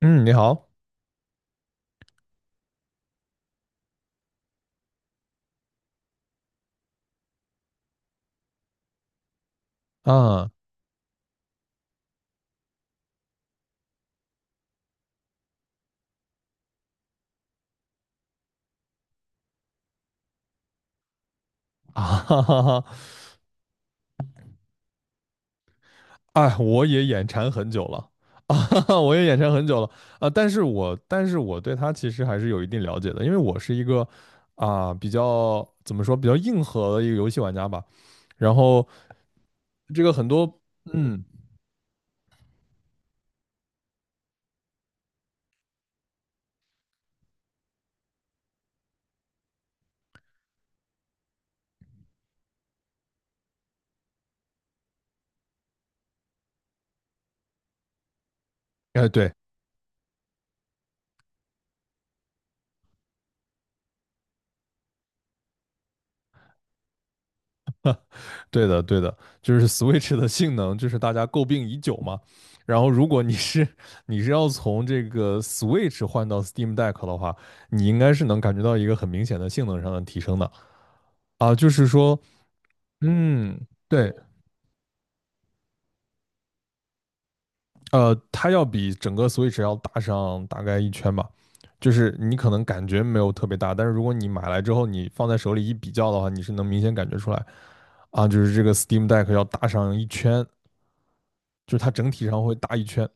嗯，你好。啊，啊哈哈哈，哎，我也眼馋很久了。啊，哈哈，我也眼馋很久了。啊，但是我对它其实还是有一定了解的，因为我是一个比较怎么说比较硬核的一个游戏玩家吧。然后这个很多，嗯，哎对，对的，对的，就是 Switch 的性能，就是大家诟病已久嘛。然后，如果你是你是要从这个 Switch 换到 Steam Deck 的话，你应该是能感觉到一个很明显的性能上的提升的。啊，就是说，嗯，对。它要比整个 Switch 要大上大概一圈吧。就是你可能感觉没有特别大，但是如果你买来之后，你放在手里一比较的话，你是能明显感觉出来。啊，就是这个 Steam Deck 要大上一圈，就是它整体上会大一圈。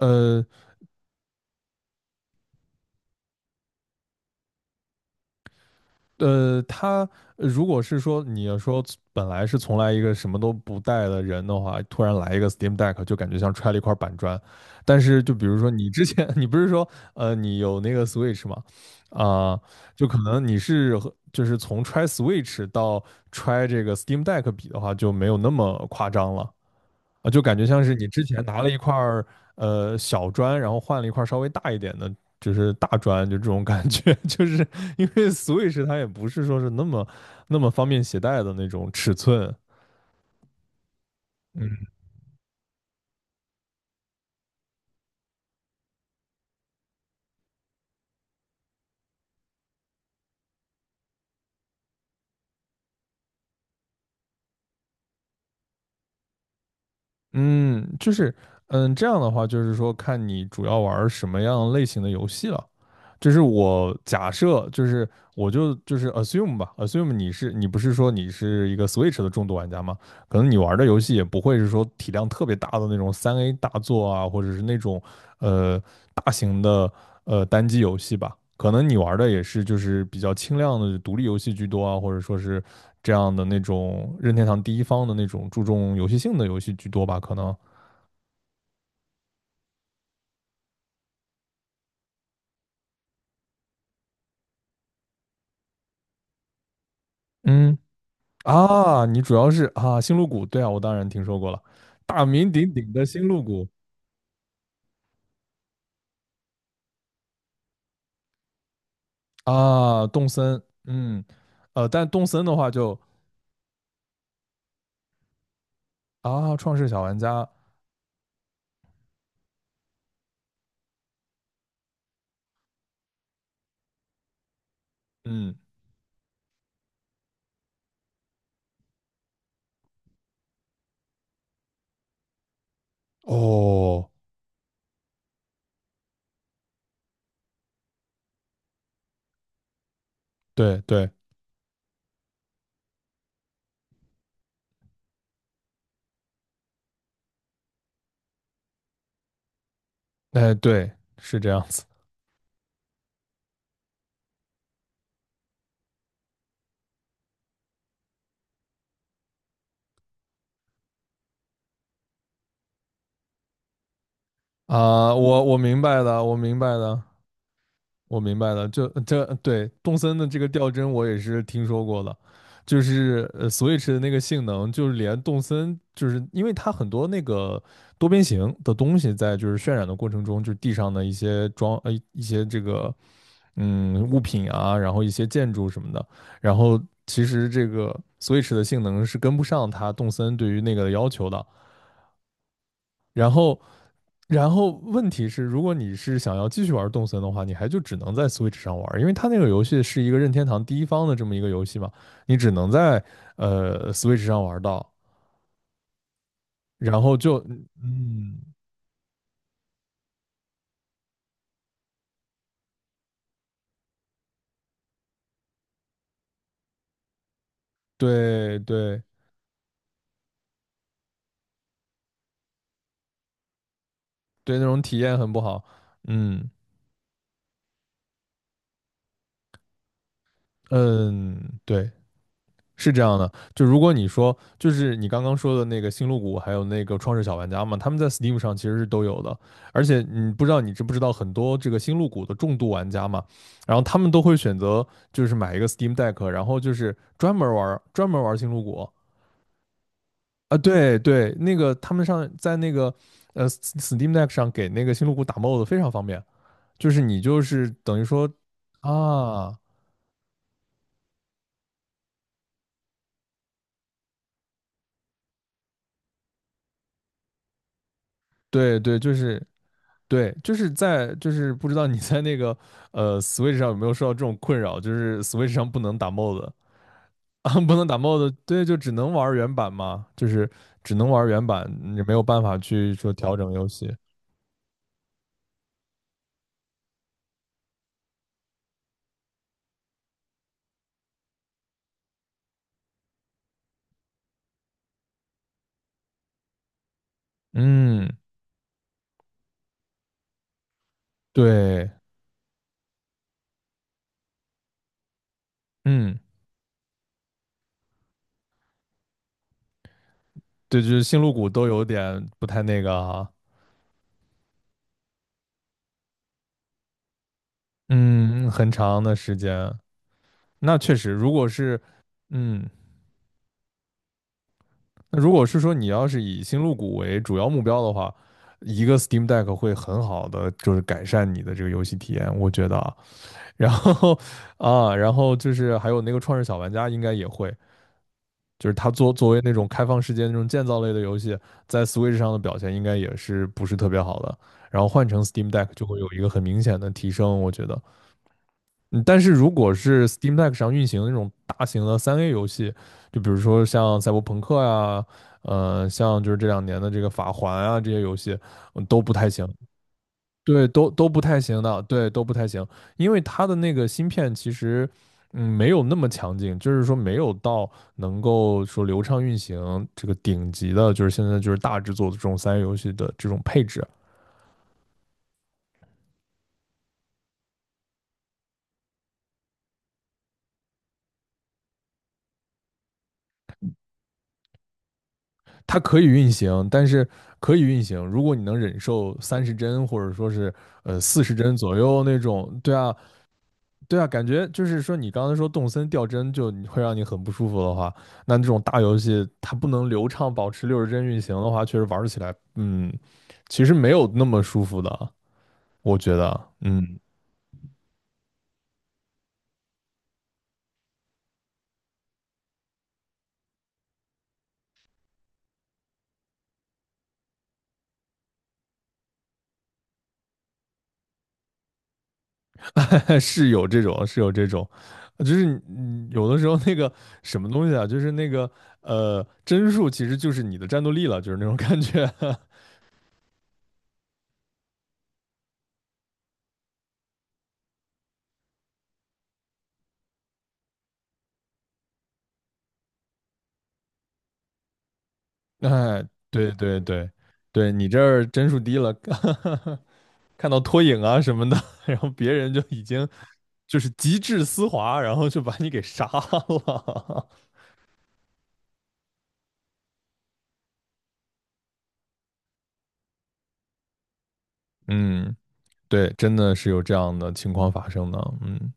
呃他如果是说你要说本来是从来一个什么都不带的人的话，突然来一个 Steam Deck，就感觉像揣了一块板砖。但是就比如说你之前， 你不是说你有那个 Switch 吗？啊、就可能你是和就是从揣 Switch 到揣这个 Steam Deck 比的话，就没有那么夸张了。啊，就感觉像是你之前拿了一块儿小砖，然后换了一块儿稍微大一点的，就是大砖，就这种感觉。就是因为 Switch 它也不是说是那么方便携带的那种尺寸。嗯，嗯，就是，嗯，这样的话，就是说看你主要玩儿什么样类型的游戏了。就是我假设，就是我就是 assume 吧，assume 你不是说你是一个 Switch 的重度玩家吗？可能你玩的游戏也不会是说体量特别大的那种三 A 大作啊，或者是那种呃大型的单机游戏吧。可能你玩的也是就是比较轻量的独立游戏居多啊，或者说是这样的那种任天堂第一方的那种注重游戏性的游戏居多吧，可能。嗯。啊，你主要是啊，星露谷，对啊，我当然听说过了，大名鼎鼎的星露谷。啊，动森，嗯。但动森的话就，啊，创世小玩家。嗯，哦，对对，哎对，是这样子。啊，我明白的，我明白的，我明白了。这对动森的这个吊针我也是听说过的，就是Switch 的那个性能，就是连动森，就是因为它很多那个多边形的东西在就是渲染的过程中，就是地上的一些装一些这个，嗯，物品啊，然后一些建筑什么的，然后其实这个 Switch 的性能是跟不上它动森对于那个的要求的。然后，然后，问题是，如果你是想要继续玩动森的话，你还就只能在 Switch 上玩，因为它那个游戏是一个任天堂第一方的这么一个游戏嘛，你只能在Switch 上玩到。然后就，嗯，对对对，那种体验很不好，嗯，嗯，对，是这样的。就如果你说，就是你刚刚说的那个星露谷，还有那个创世小玩家嘛，他们在 Steam 上其实是都有的。而且你不知道你知不知道，很多这个星露谷的重度玩家嘛，然后他们都会选择就是买一个 Steam Deck,然后就是专门玩星露谷。啊，对对，那个他们上在那个Steam Deck 上给那个星露谷打 mod 非常方便，就是你就是等于说，啊，对对，就是对，就是在就是不知道你在那个Switch 上有没有受到这种困扰，就是 Switch 上不能打 mod。 啊，不能打 mod,对，就只能玩原版嘛，就是只能玩原版，你没有办法去说调整游戏。嗯，对，嗯，对，就是星露谷都有点不太那个。啊，嗯，很长的时间。那确实，如果是，嗯，那如果是说你要是以星露谷为主要目标的话，一个 Steam Deck 会很好的就是改善你的这个游戏体验，我觉得。啊，然后，啊，然后就是还有那个《创世小玩家》应该也会，就是它作为那种开放世界那种建造类的游戏，在 Switch 上的表现应该也是不是特别好的。然后换成 Steam Deck 就会有一个很明显的提升，我觉得。嗯。但是如果是 Steam Deck 上运行的那种大型的三 A 游戏，就比如说像赛博朋克呀，像就是这两年的这个法环啊这些游戏，嗯，都不太行。对，都不太行的，对，都不太行。因为它的那个芯片其实，嗯，没有那么强劲，就是说没有到能够说流畅运行这个顶级的，就是现在就是大制作的这种三 A 游戏的这种配置。它可以运行，但是可以运行。如果你能忍受30帧，或者说是40帧左右那种，对啊。对啊，感觉就是说你刚才说动森掉帧就会让你很不舒服的话，那这种大游戏它不能流畅保持60帧运行的话，确实玩起来，嗯，其实没有那么舒服的，我觉得。嗯，是有这种，是有这种。就是你有的时候那个什么东西啊，就是那个帧数其实就是你的战斗力了，就是那种感觉。哎，对对对，对你这儿帧数低了，看到拖影啊什么的，然后别人就已经就是极致丝滑，然后就把你给杀了。嗯，对，真的是有这样的情况发生的。嗯，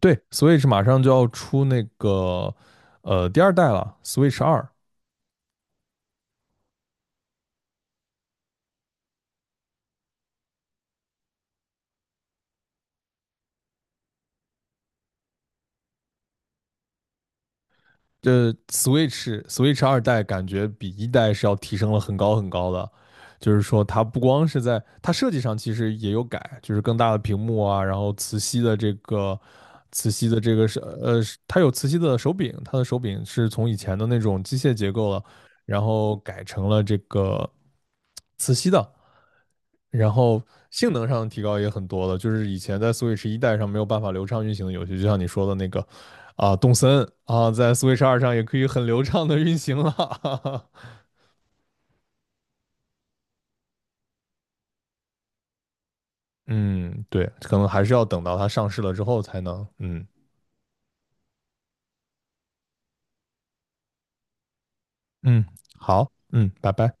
对，Switch 马上就要出那个第二代了，Switch 二。这 Switch 二代感觉比一代是要提升了很高很高的。就是说它不光是在它设计上其实也有改，就是更大的屏幕啊，然后磁吸的这个是，呃，它有磁吸的手柄，它的手柄是从以前的那种机械结构了，然后改成了这个磁吸的。然后性能上的提高也很多了，就是以前在 Switch 一代上没有办法流畅运行的游戏，就像你说的那个啊，动森啊，在 Switch 二上也可以很流畅的运行了。嗯，对，可能还是要等到它上市了之后才能，嗯，嗯，好，嗯，拜拜。